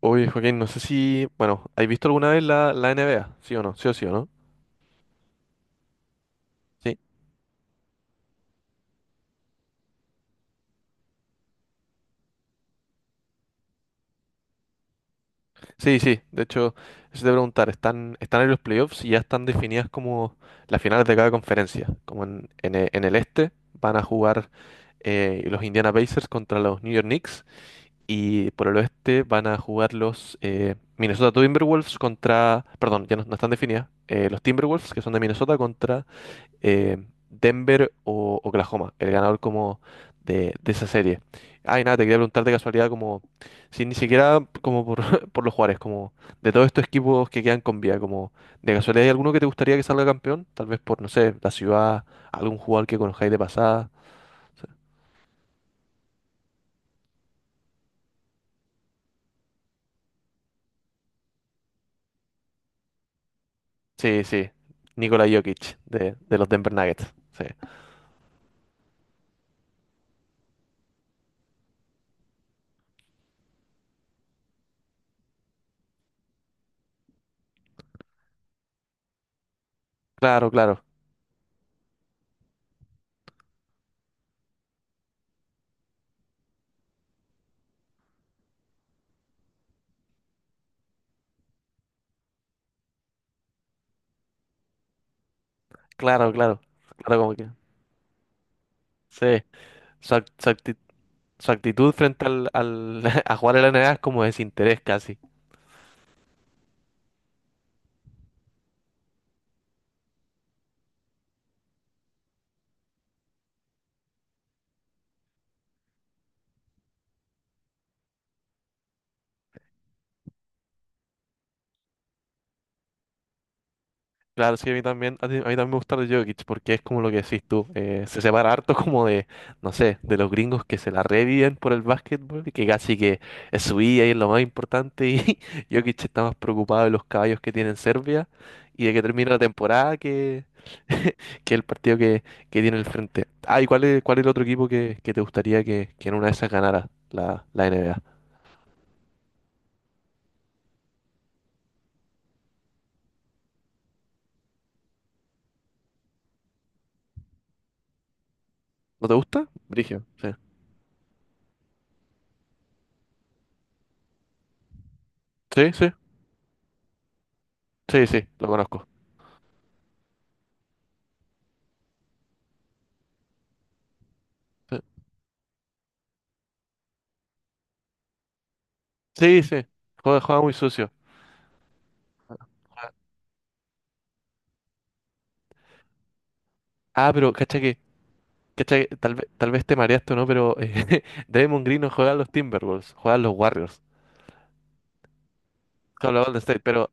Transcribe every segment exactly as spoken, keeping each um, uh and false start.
Oye, Joaquín, no sé si, bueno, ¿has visto alguna vez la, la N B A? ¿Sí o no? ¿Sí o sí o no? Sí, sí, sí. De hecho, eso te iba a preguntar, ¿están, están en los playoffs y ya están definidas como las finales de cada conferencia? Como en, en e- en el este van a jugar eh, los Indiana Pacers contra los New York Knicks y por el oeste van a jugar los eh, Minnesota Timberwolves contra, perdón, ya no, no están definidas, eh, los Timberwolves que son de Minnesota contra eh, Denver o Oklahoma, el ganador como de, de esa serie. Ay, nada, te quería preguntar de casualidad como, si ni siquiera como por, por los Juárez, como de todos estos equipos que quedan con vida, como de casualidad hay alguno que te gustaría que salga campeón, tal vez por, no sé, la ciudad, algún jugador que conozcáis de pasada. Sí, sí, Nikola Jokic de, de los Denver Nuggets. Sí. Claro, claro, claro, claro, claro como que. Sí, su, act- su acti- su actitud frente al, al- a jugar en la N B A es como desinterés casi. Claro, sí, a mí también, a ti- a mí también me gusta de Jokic porque es como lo que decís tú, eh, se separa harto como de, no sé, de los gringos que se la reviven por el básquetbol y que casi que es su vida y es lo más importante y Jokic está más preocupado de los caballos que tiene en Serbia y de que termine la temporada que, que el partido que, que tiene el frente. Ah, ¿y cuál es, cuál es el otro equipo que, que te gustaría que, que en una de esas ganara la, la N B A? ¿No te gusta? Brigio, sí. Sí, sí, sí, sí, lo conozco. Sí, sí, sí, juega, juega muy sucio. Ah, pero cacha que, cacha que tal vez, tal vez te mareaste o no, pero eh, Draymond Green no juega a los Timberwolves, juega a los Warriors. Claro, los Golden State, pero,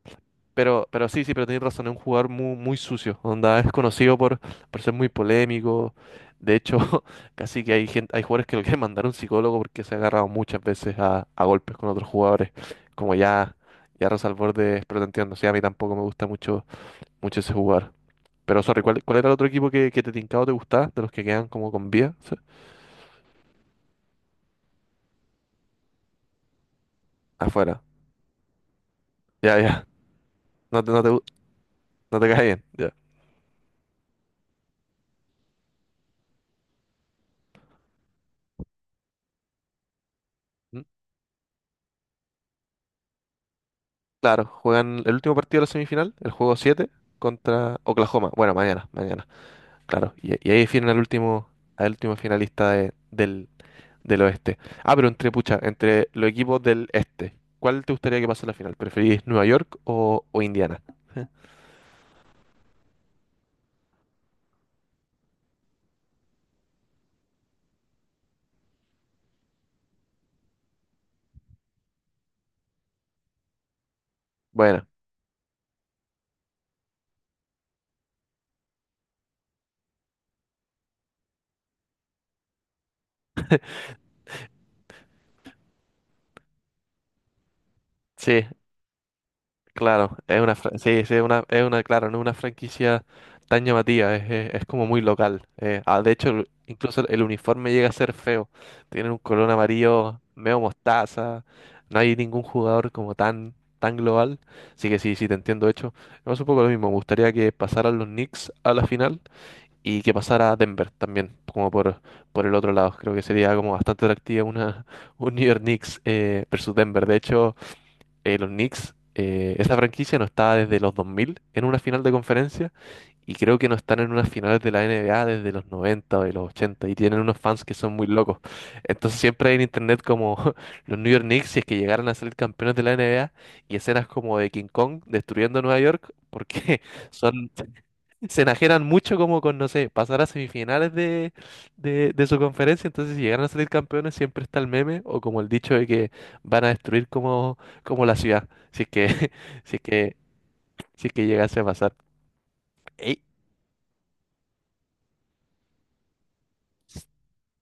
pero, pero sí, sí, pero tenés razón, es un jugador muy, muy sucio, onda, es conocido por, por ser muy polémico. De hecho, casi que hay gente, hay jugadores que lo quieren mandar a un psicólogo porque se ha agarrado muchas veces a, a golpes con otros jugadores. Como ya, ya Rosa al borde, pero te entiendo, sí, a mí tampoco me gusta mucho, mucho ese jugador. Pero sorry, ¿cuál, cuál era el otro equipo que, que te tincaba o te gustaba, de los que quedan como con vía? Afuera. Ya, ya. No te, no te, no te cae bien. Ya. Mm. Claro, juegan el último partido de la semifinal, el juego siete contra Oklahoma. Bueno, mañana, mañana. Claro. Y, y ahí definen al último, al último finalista de- del, del oeste. Ah, pero entre, pucha, entre los equipos del este. ¿Cuál te gustaría que pase en la final? ¿Preferís Nueva York o, o Indiana? Bueno, sí. Claro, es una, fra- sí, sí, es una, es una, claro, no es una franquicia tan llamativa, es, es- es como muy local. Eh, ah, de hecho, el- incluso el uniforme llega a ser feo. Tienen un color amarillo medio mostaza, no hay ningún jugador como tan, tan global. Así que sí, sí, te entiendo. De hecho, es un poco lo mismo. Me gustaría que pasaran los Knicks a la final y que pasara Denver también, como por, por el otro lado. Creo que sería como bastante atractiva una, un New York Knicks eh, versus Denver. De hecho eh, los Knicks, eh, esa franquicia no estaba desde los dos mil en una final de conferencia y creo que no están en unas finales de la N B A desde los noventa o de los ochenta y tienen unos fans que son muy locos. Entonces siempre hay en internet como los New York Knicks si es que llegaran a ser campeones de la N B A y escenas como de King Kong destruyendo Nueva York porque son se enajenan mucho como con, no sé, pasar a semifinales de, de, de su conferencia, entonces si llegan a salir campeones siempre está el meme o como el dicho de que van a destruir como, como la ciudad, si es que, si es que, si es que llegase a pasar. Ey,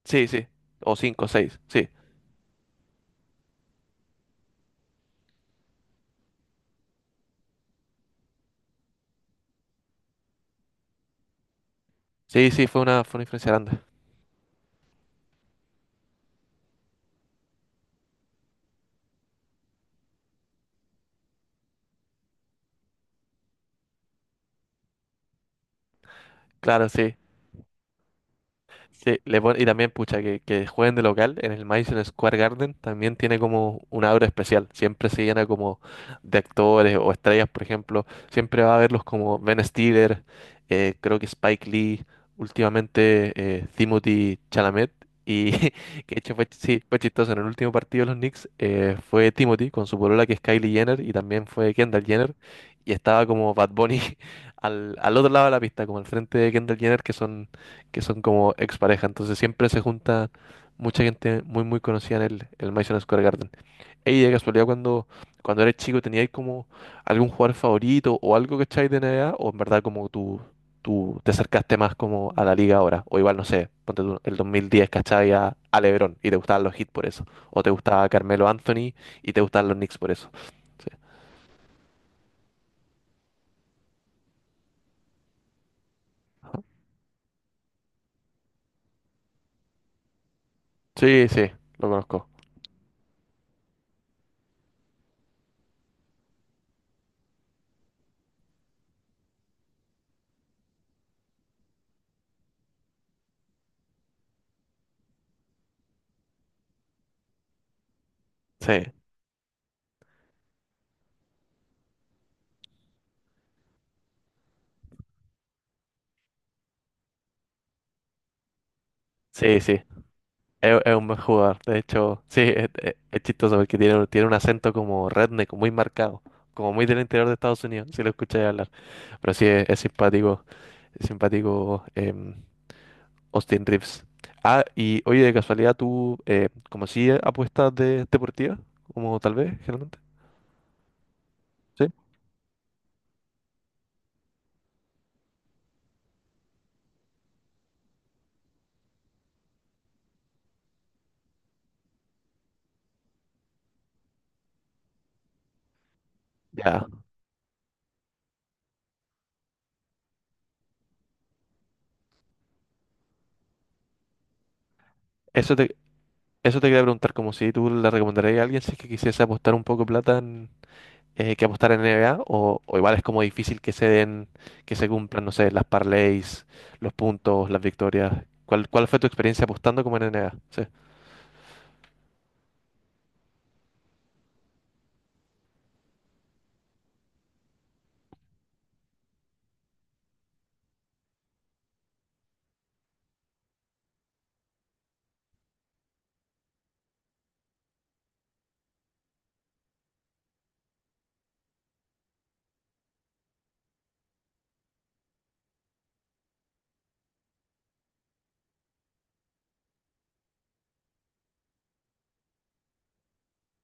sí, sí, o cinco, seis, sí, sí, sí, fue una, fue una diferencia grande, claro, sí. Sí, le pon- y también, pucha, que, que jueguen de local en el Madison Square Garden también tiene como una aura especial. Siempre se llena como de actores o estrellas, por ejemplo. Siempre va a verlos como Ben Stiller, eh, creo que Spike Lee, últimamente eh, Timothée Chalamet. Y que de hecho fue, sí, fue chistoso. En el último partido de los Knicks eh, fue Timothy con su polola que es Kylie Jenner y también fue Kendall Jenner. Y estaba como Bad Bunny al, al otro lado de la pista, como al frente de Kendall Jenner, que son que son como expareja. Entonces siempre se junta mucha gente muy, muy conocida en el, el Madison Square Garden. Ey, de casualidad, cuando, cuando eres chico, ¿tenías como algún jugador favorito o algo que echáis de N B A? ¿O en verdad como tú, tú te acercaste más como a la liga ahora? O igual, no sé, ponte tú, el dos mil diez, ¿cachai? A, a LeBron y te gustaban los hits por eso. O te gustaba Carmelo Anthony y te gustaban los Knicks por eso. Sí, ajá. Sí, sí, lo conozco. Sí, sí, sí. Es, es un buen jugador. De hecho, sí, es, es- es chistoso porque tiene, tiene un acento como redneck, muy marcado, como muy del interior de Estados Unidos, si lo escucháis hablar. Pero sí, es, es simpático, es simpático em, Austin Reeves. Ah, y oye, de casualidad, ¿tú eh, como si apuestas de deportivas? Como tal vez, generalmente. Sí. Ya, eso te, eso te quería preguntar, como si tú le recomendarías a alguien si es que quisiese apostar un poco de plata eh, que apostar en N B A o, o igual es como difícil que se den, que se cumplan, no sé, las parlays, los puntos, las victorias. ¿Cuál, cuál fue tu experiencia apostando como en N B A? Sí.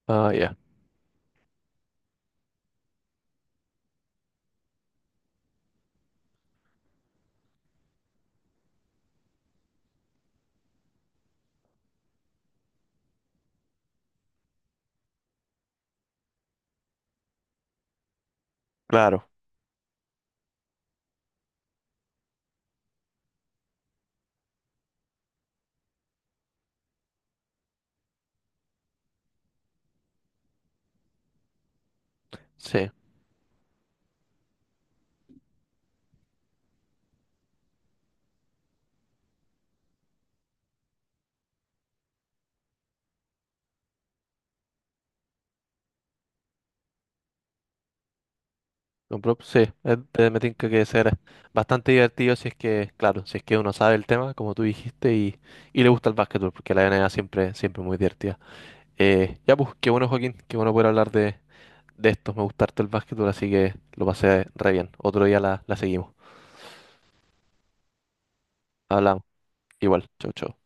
Ah, ya. Claro. Sí. Con prop- Sí, es- eh, me tinca que debe ser bastante divertido si es que, claro, si es que uno sabe el tema, como tú dijiste, y, y le gusta el básquetbol, porque la N B A siempre, siempre es muy divertida. Eh, ya pues, qué bueno Joaquín, qué bueno poder hablar de, de esto, me gusta harto el básquetbol, así que lo pasé re bien. Otro día la, la seguimos. Hablamos. Igual, chau, chau.